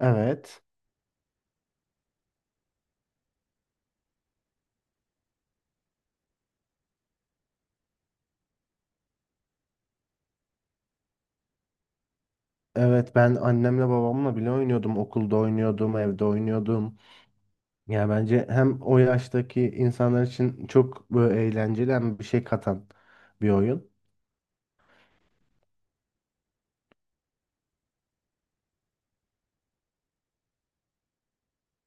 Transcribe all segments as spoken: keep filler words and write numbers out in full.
Evet. Evet ben annemle babamla bile oynuyordum. Okulda oynuyordum, evde oynuyordum. Yani bence hem o yaştaki insanlar için çok böyle eğlenceli hem bir şey katan bir oyun.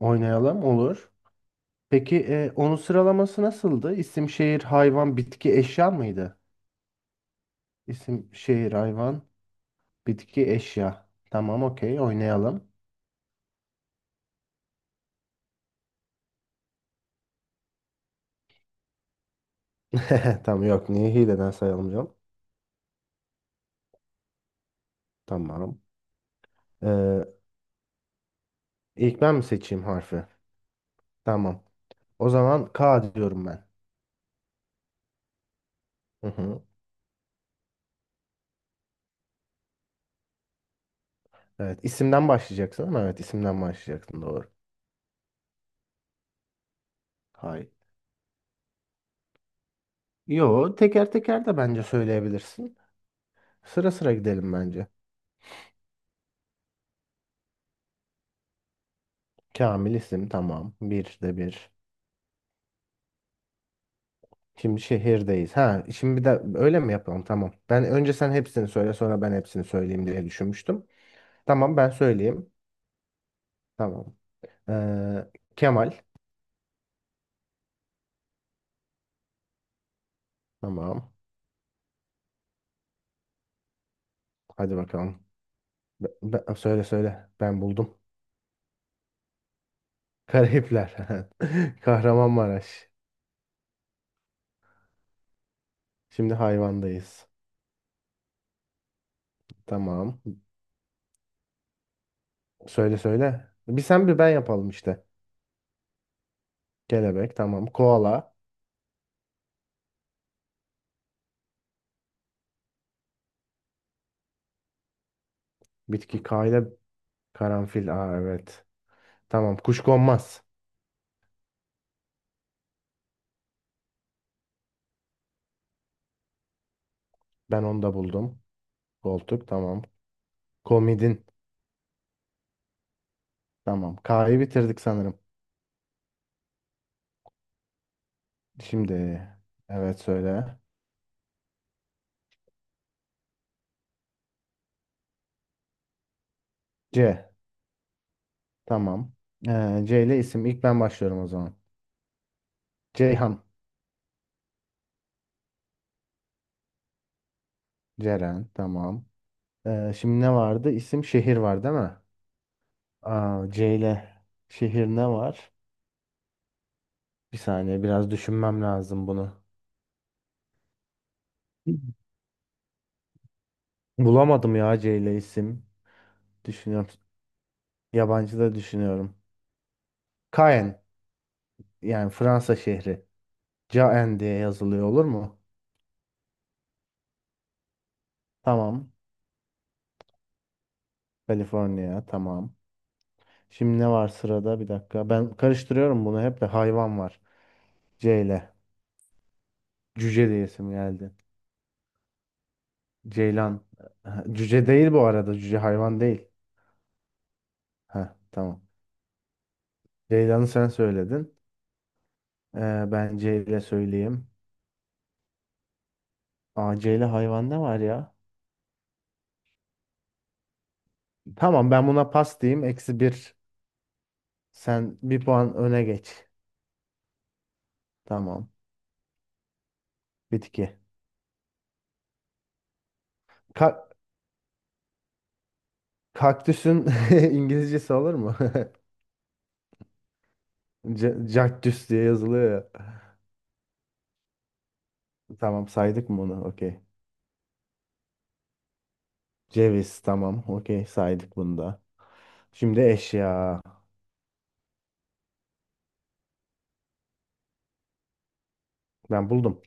Oynayalım olur. Peki e, onun sıralaması nasıldı? İsim, şehir, hayvan, bitki, eşya mıydı? İsim, şehir, hayvan, bitki, eşya. Tamam, okey, oynayalım. Tamam, yok niye hileden sayalım canım. Tamam. Ee, ilk ben mi seçeyim harfi? Tamam. O zaman K diyorum ben. Hı hı. Evet, isimden başlayacaksın, ama evet isimden başlayacaksın, doğru. Hayır. Yo, teker teker de bence söyleyebilirsin. Sıra sıra gidelim bence. Kamil isim, tamam. Bir de bir. Şimdi şehirdeyiz. Ha, şimdi bir de öyle mi yapalım? Tamam. Ben önce sen hepsini söyle sonra ben hepsini söyleyeyim diye düşünmüştüm. Tamam, ben söyleyeyim. Tamam. Ee, Kemal. Tamam. Hadi bakalım. Be- be- söyle söyle. Ben buldum. Karayipler. Kahramanmaraş. Şimdi hayvandayız. Tamam. Söyle söyle. Bir sen bir ben yapalım işte. Kelebek tamam. Koala. Bitki kayda karanfil. Aa, evet. Tamam. Kuşkonmaz. Ben onu da buldum. Koltuk tamam. Komidin. Tamam. K'yı bitirdik sanırım. Şimdi evet, söyle. C. Tamam. Ee, C ile isim. İlk ben başlıyorum o zaman. Ceyhan. Ceren. Tamam. Ee, şimdi ne vardı? İsim şehir var değil mi? Aa, C ile şehir ne var? Bir saniye, biraz düşünmem lazım bunu. Bulamadım ya C ile isim. Düşünüyorum. Yabancı da düşünüyorum. Caen, yani Fransa şehri. Caen diye yazılıyor, olur mu? Tamam. Kaliforniya tamam. Şimdi ne var sırada? Bir dakika. Ben karıştırıyorum bunu hep, de hayvan var. C ile. Cüce diye isim geldi. Ceylan. Ha, Cüce değil bu arada. Cüce hayvan değil. Ha, tamam. Ceylan'ı sen söyledin. Ee, ben C ile söyleyeyim. Aa, C ile hayvan ne var ya? Tamam, ben buna pas diyeyim. Eksi bir. Sen bir puan öne geç. Tamam. Bitki. Ka- Kaktüsün İngilizcesi olur mu? C- Cactus diye yazılıyor ya. Tamam, saydık mı onu? Okey. Ceviz tamam. Okey, saydık bunu da. Şimdi eşya. Ben buldum.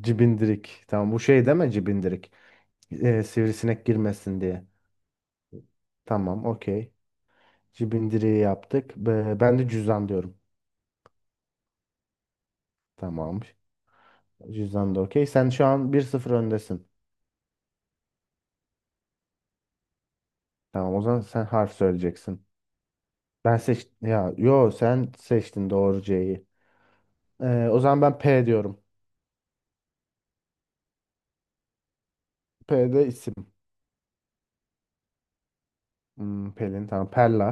Cibindirik. Tamam, bu şey deme cibindirik. Ee, sivrisinek girmesin diye. Tamam, okey. Cibindiriği yaptık. Be- Ben de cüzdan diyorum. Tamam. Cüzdan da okey. Sen şu an bir sıfır öndesin. Tamam, o zaman sen harf söyleyeceksin. Ben seç ya, yo, sen seçtin doğru, C'yi. Ee, o zaman ben P diyorum. P de isim. Hmm, Pelin tamam. Perla.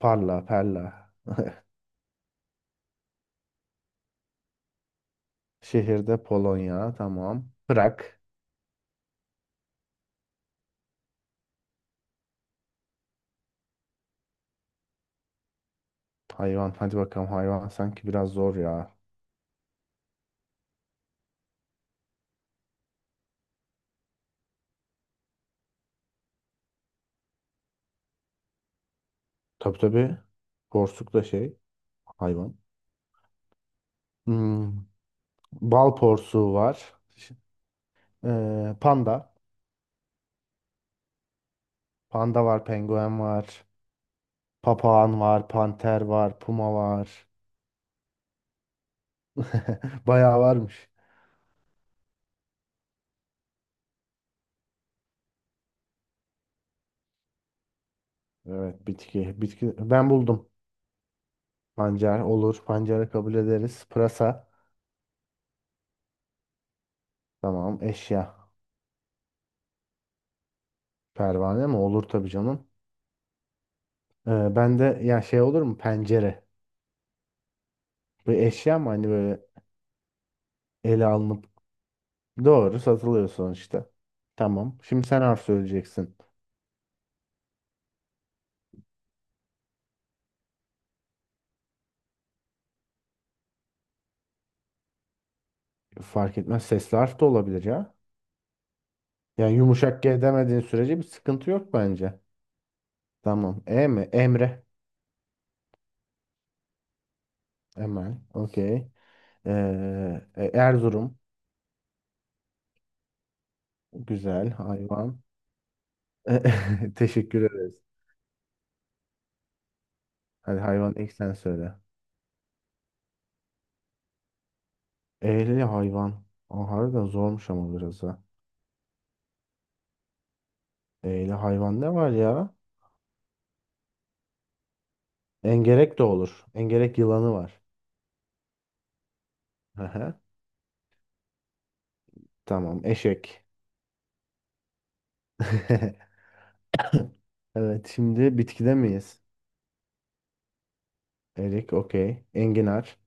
Parla, Perla. Şehirde Polonya tamam. Prag. Hayvan. Hadi bakalım, hayvan sanki biraz zor ya. Tabii tabii. Porsuk da şey. Hayvan. Hmm, Bal porsuğu var. Ş- ee, panda. Panda var, penguen var. Papağan var, panter var, puma var. Bayağı varmış. Evet, bitki. Bitki. Ben buldum. Pancar olur. Pancarı kabul ederiz. Pırasa. Tamam. Eşya. Pervane mi? Olur tabii canım. Ee, ben de ya şey olur mu? Pencere. Bir eşya mı? Hani böyle ele alınıp, doğru, satılıyor sonuçta. Tamam. Şimdi sen harf söyleyeceksin. Fark etmez. Sesli harf de olabilir ya. Yani yumuşak G demediğin sürece bir sıkıntı yok bence. Tamam. E mi? Emre. Emel. Okey. Ee, e, Erzurum. Güzel. Hayvan. Teşekkür ederiz. Hadi, hayvan ilk sen söyle. Eğli hayvan. O harbiden zormuş ama biraz ha. Eğli hayvan ne var ya? Engerek de olur. Engerek yılanı var. Aha, tamam, eşek. Evet, şimdi bitkide miyiz? Erik okey. Enginar.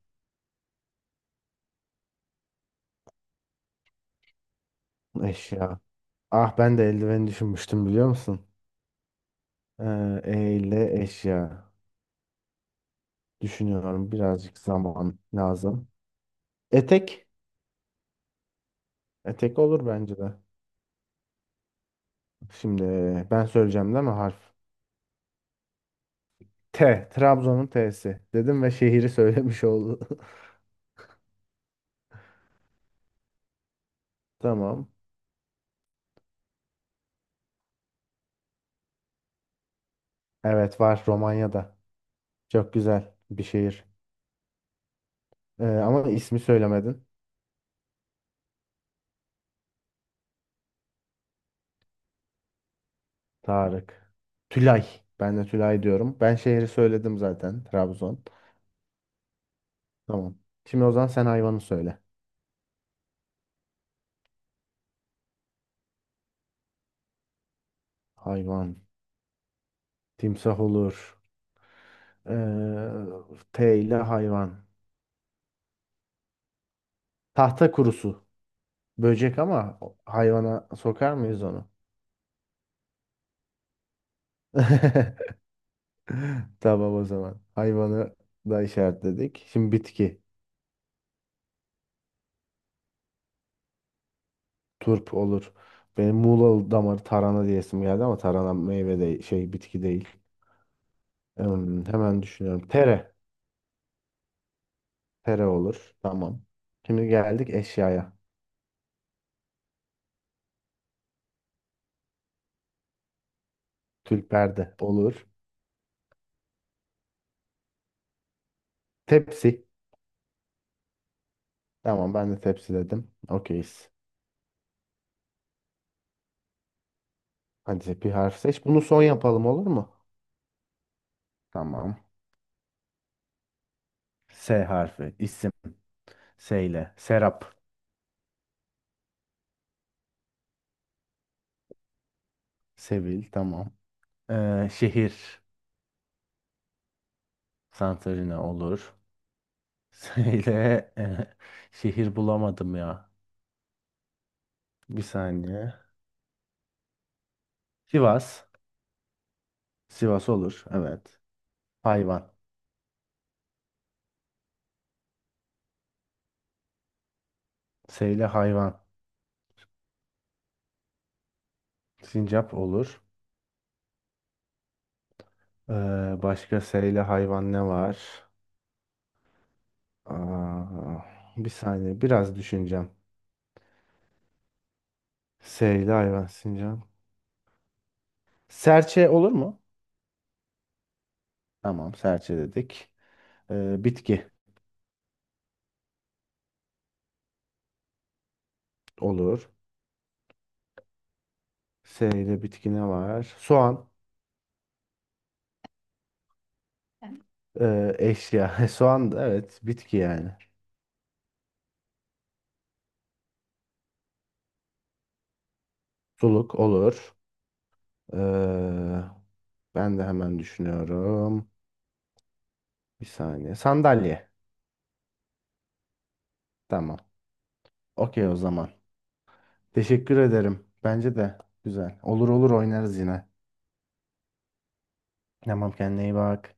Eşya. Ah, ben de eldiveni düşünmüştüm, biliyor musun? Ee, eğli eşya. Düşünüyorum, birazcık zaman lazım. Etek. Etek olur bence de. Şimdi ben söyleyeceğim değil mi harf? T. Trabzon'un T'si. Dedim ve şehri söylemiş oldu. Tamam. Evet, var, Romanya'da. Çok güzel bir şehir. Ee, ama ismi söylemedin. Tarık. Tülay. Ben de Tülay diyorum. Ben şehri söyledim zaten. Trabzon. Tamam. Şimdi o zaman sen hayvanı söyle. Hayvan. Timsah olur. Ee, T ile hayvan. Tahta kurusu. Böcek ama hayvana sokar mıyız onu? Tamam o zaman. Hayvanı da işaretledik. Şimdi bitki. Turp olur. Benim Muğla damarı tarhana diyesim geldi ama tarhana meyve de şey, bitki değil. Hmm, hemen düşünüyorum. Tere. Tere olur. Tamam. Şimdi geldik eşyaya. Tülper de olur. Tepsi. Tamam, ben de tepsi dedim. Okeyiz. Hadi bir harf seç. Bunu son yapalım olur mu? Tamam. S harfi. İsim. S ile. Serap. Sevil. Tamam. Ee, şehir. Santorini olur. Şeyde e, şehir bulamadım ya. Bir saniye. Sivas. Sivas olur. Evet. Hayvan. Seyle hayvan. Sincap olur. Ee, Başka seyle hayvan ne var? Aa, bir saniye. Biraz düşüneceğim. Seyle hayvan. Sincap. Serçe olur mu? Tamam. Serçe dedik. Ee, bitki olur. Seyle bitki ne var? Soğan. Ee, eşya. Soğan da evet. Bitki yani. Suluk olur. Ee, Ben de hemen düşünüyorum. Bir saniye. Sandalye. Tamam. Okey o zaman. Teşekkür ederim. Bence de güzel. Olur olur, oynarız yine. Tamam, kendine iyi bak.